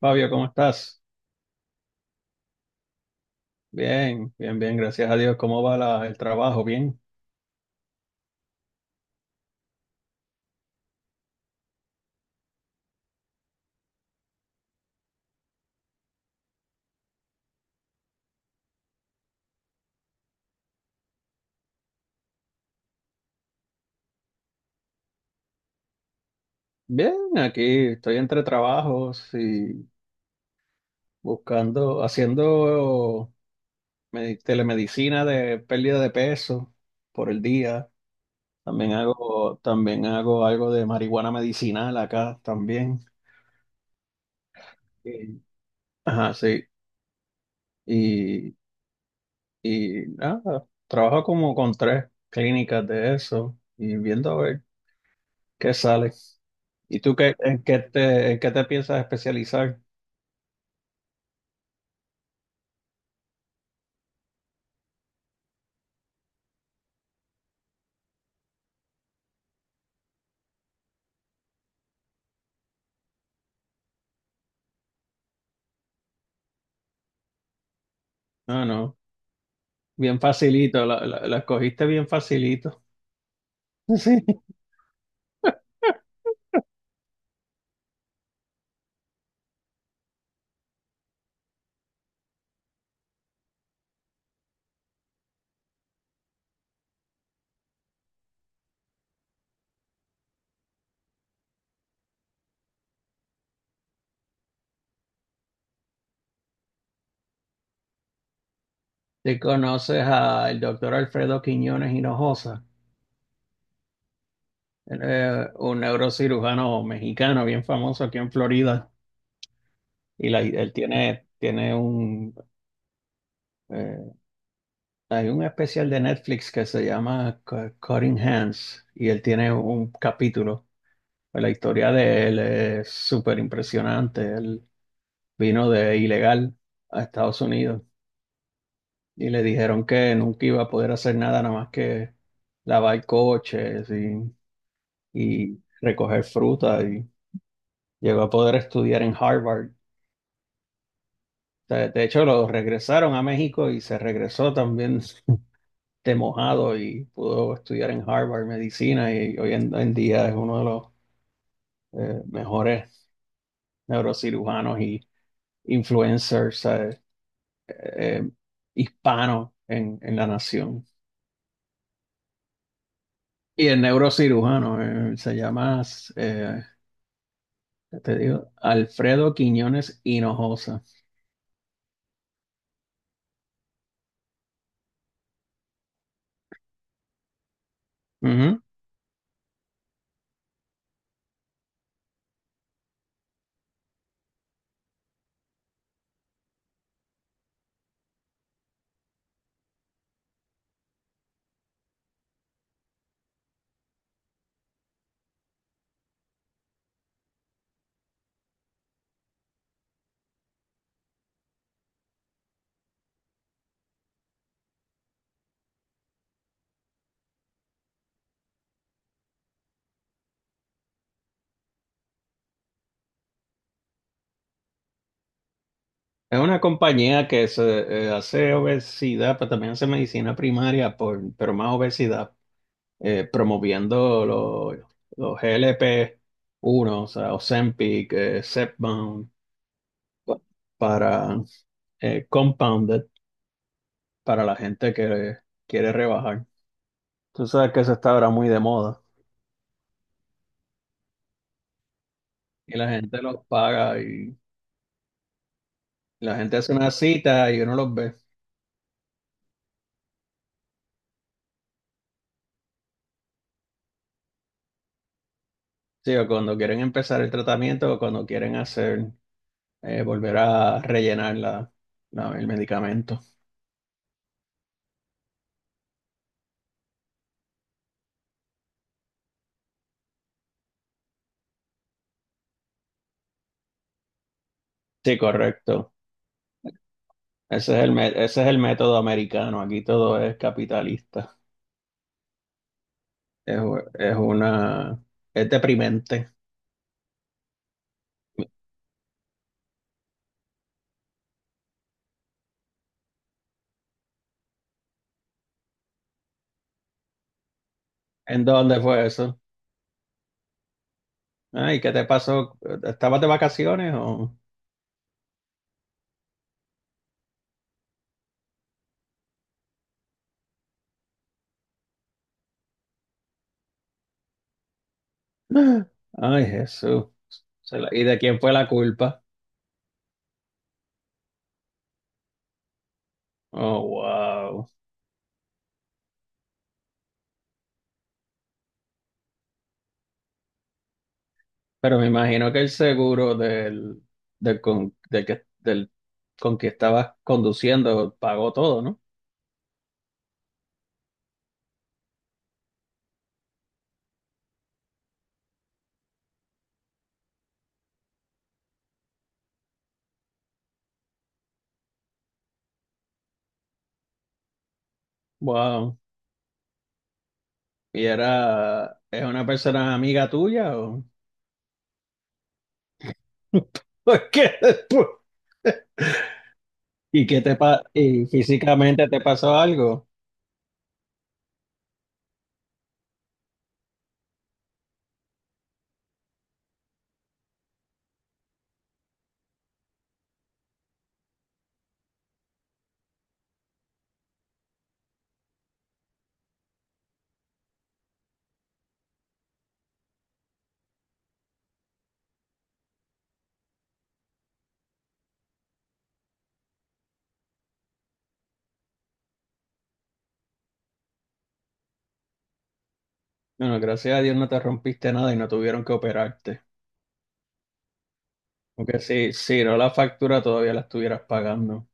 Fabio, ¿cómo estás? Bien, bien, bien, gracias a Dios. ¿Cómo va el trabajo? Bien, bien, aquí estoy entre trabajos y buscando, haciendo telemedicina de pérdida de peso por el día. También hago algo de marihuana medicinal acá también. Y- Ajá, sí. Y, y nada, trabajo como con tres clínicas de eso y viendo a ver ¿qué sale? ¿Y tú qué, en qué te piensas especializar? No, no, bien facilito, la escogiste bien facilito. Sí. ¿Te conoces al doctor Alfredo Quiñones Hinojosa? Él es un neurocirujano mexicano bien famoso aquí en Florida. Y él tiene, tiene un, eh, hay un especial de Netflix que se llama Cutting Hands y él tiene un capítulo. Pues la historia de él es súper impresionante. Vino de ilegal a Estados Unidos y le dijeron que nunca iba a poder hacer nada, nada más que lavar coches y recoger fruta y llegó a poder estudiar en Harvard. De hecho, lo regresaron a México y se regresó también de mojado y pudo estudiar en Harvard medicina y hoy en día es uno de los mejores neurocirujanos y influencers eh, hispanos en la nación. Y el neurocirujano se llama, eh, ¿qué te digo, Alfredo Quiñones Hinojosa. Ujú. Es una compañía que se, hace obesidad, pero también hace medicina primaria, por, pero más obesidad, promoviendo los glp uno, o sea, Ozempic, Zepbound, pa- para Compounded, para la gente que quiere rebajar. Tú sabes que eso está ahora muy de moda y la gente los paga. La gente hace una cita y uno los ve. Sí, o cuando quieren empezar el tratamiento o cuando quieren hacer, volver a rellenar el medicamento. Sí, correcto. Ese es ese es el método americano. Aquí todo es capitalista. Es, es una, es deprimente. ¿En dónde fue eso? Ay, ¿qué te pasó? ¿Estabas de vacaciones o? Ay, Jesús. ¿Y de quién fue la culpa? Oh, wow. Pero me imagino que el seguro del con que estabas conduciendo pagó todo, ¿no? Wow. ¿Y era, es una persona amiga tuya o por qué después? ¿Y qué y físicamente te pasó algo? Bueno, gracias a Dios no te rompiste nada y no tuvieron que operarte. Porque si, si no la factura todavía la estuvieras pagando.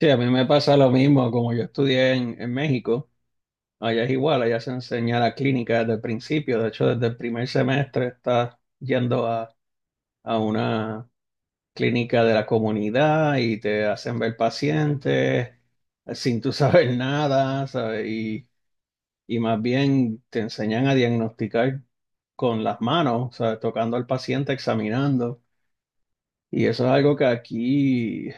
Sí, a mí me pasa lo mismo, como yo estudié en México. Allá es igual, allá se enseña la clínica desde el principio. De hecho, desde el primer semestre estás yendo a una clínica de la comunidad y te hacen ver pacientes sin tú saber nada, ¿sabes? Y más bien te enseñan a diagnosticar con las manos, ¿sabes? Tocando al paciente, examinando. Y eso es algo que aquí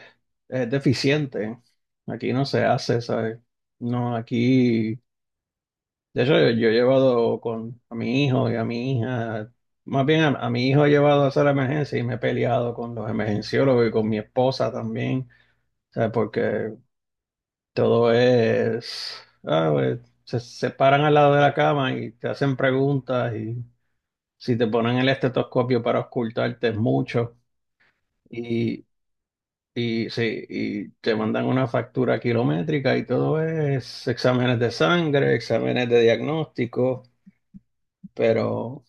es deficiente. Aquí no se hace, ¿sabes? No, aquí. De hecho, yo he llevado con a mi hijo y a mi hija, más bien a mi hijo he llevado a hacer emergencia y me he peleado con los emergenciólogos y con mi esposa también, ¿sabes? Porque todo es, ah, pues, se paran al lado de la cama y te hacen preguntas y si te ponen el estetoscopio para ocultarte es mucho y, y, sí, y te mandan una factura kilométrica y todo es exámenes de sangre, exámenes de diagnóstico, pero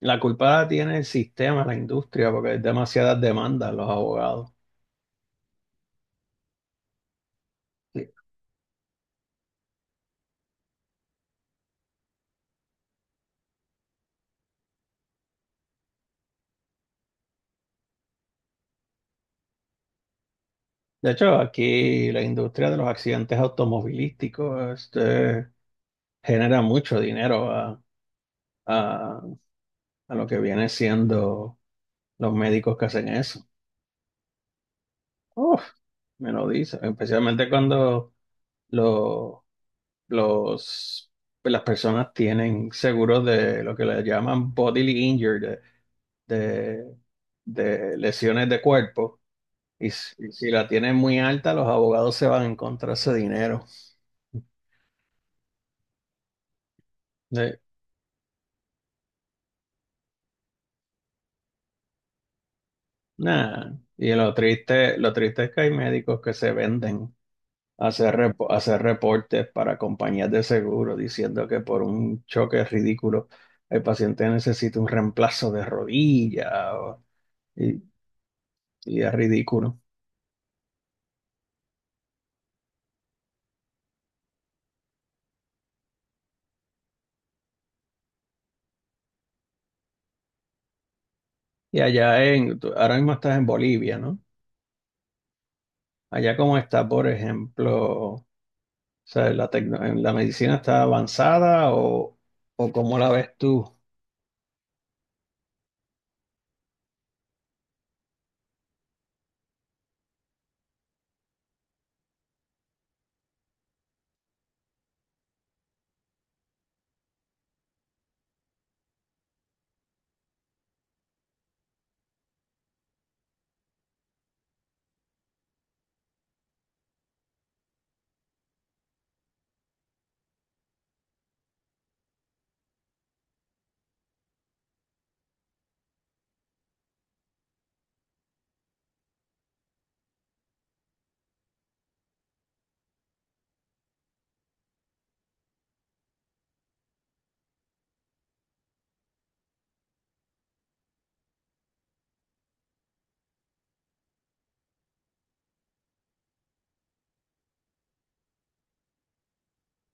la culpa la tiene el sistema, la industria, porque hay demasiadas demandas los abogados. Sí. De hecho, aquí la industria de los accidentes automovilísticos este, genera mucho dinero a, a- a lo que viene siendo los médicos que hacen eso. Uf, me lo dice, especialmente cuando lo- los, las personas tienen seguros de lo que le llaman bodily injury, de de- de lesiones de cuerpo. Y si la tienes muy alta, los abogados se van en contra de ese dinero. De- nah. Y lo triste es que hay médicos que se venden a hacer, a hacer reportes para compañías de seguro diciendo que por un choque ridículo el paciente necesita un reemplazo de rodilla o- y, y es ridículo. Y allá en, ahora mismo estás en Bolivia, ¿no? Allá como está, por ejemplo, o sea, la medicina está avanzada o, ¿o cómo la ves tú?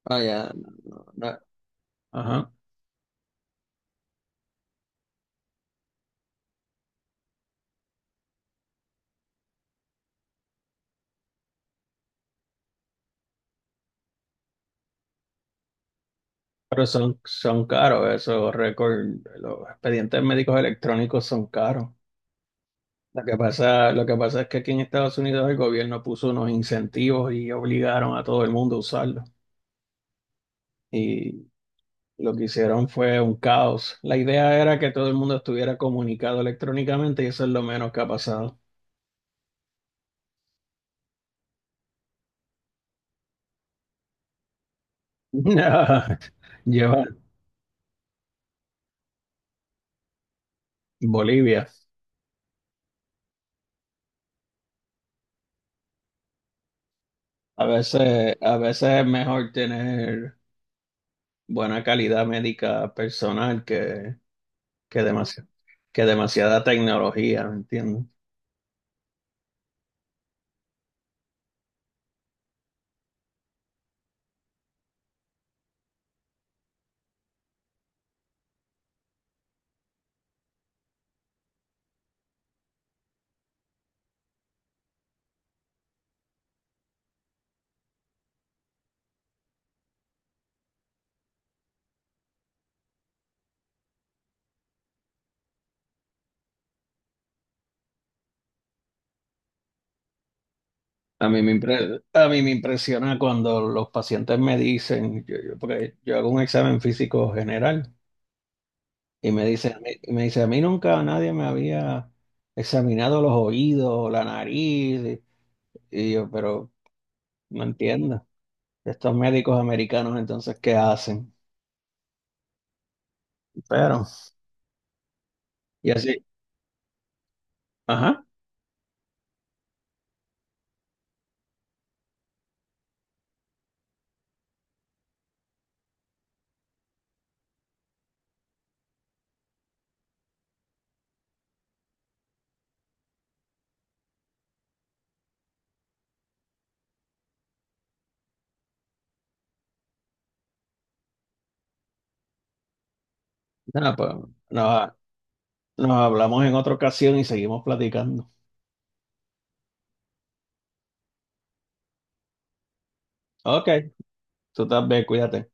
Ah, ya, no, no. Ajá. Pero son, son caros esos récords, los expedientes médicos electrónicos son caros. Lo que pasa es que aquí en Estados Unidos el gobierno puso unos incentivos y obligaron a todo el mundo a usarlo. Y lo que hicieron fue un caos. La idea era que todo el mundo estuviera comunicado electrónicamente y eso es lo menos que ha pasado. Nah, lleva Bolivia. A veces es mejor tener buena calidad médica personal que demasiado, que demasiada tecnología, ¿me entiendes? A mí me impresiona cuando los pacientes me dicen, yo, porque yo hago un examen físico general y me dicen, y me dice, a mí nunca nadie me había examinado los oídos, la nariz, y yo, pero no entiendo. Estos médicos americanos entonces, ¿qué hacen? Pero, y así, ajá, nada, pues nos, nos hablamos en otra ocasión y seguimos platicando. Ok, tú también, cuídate.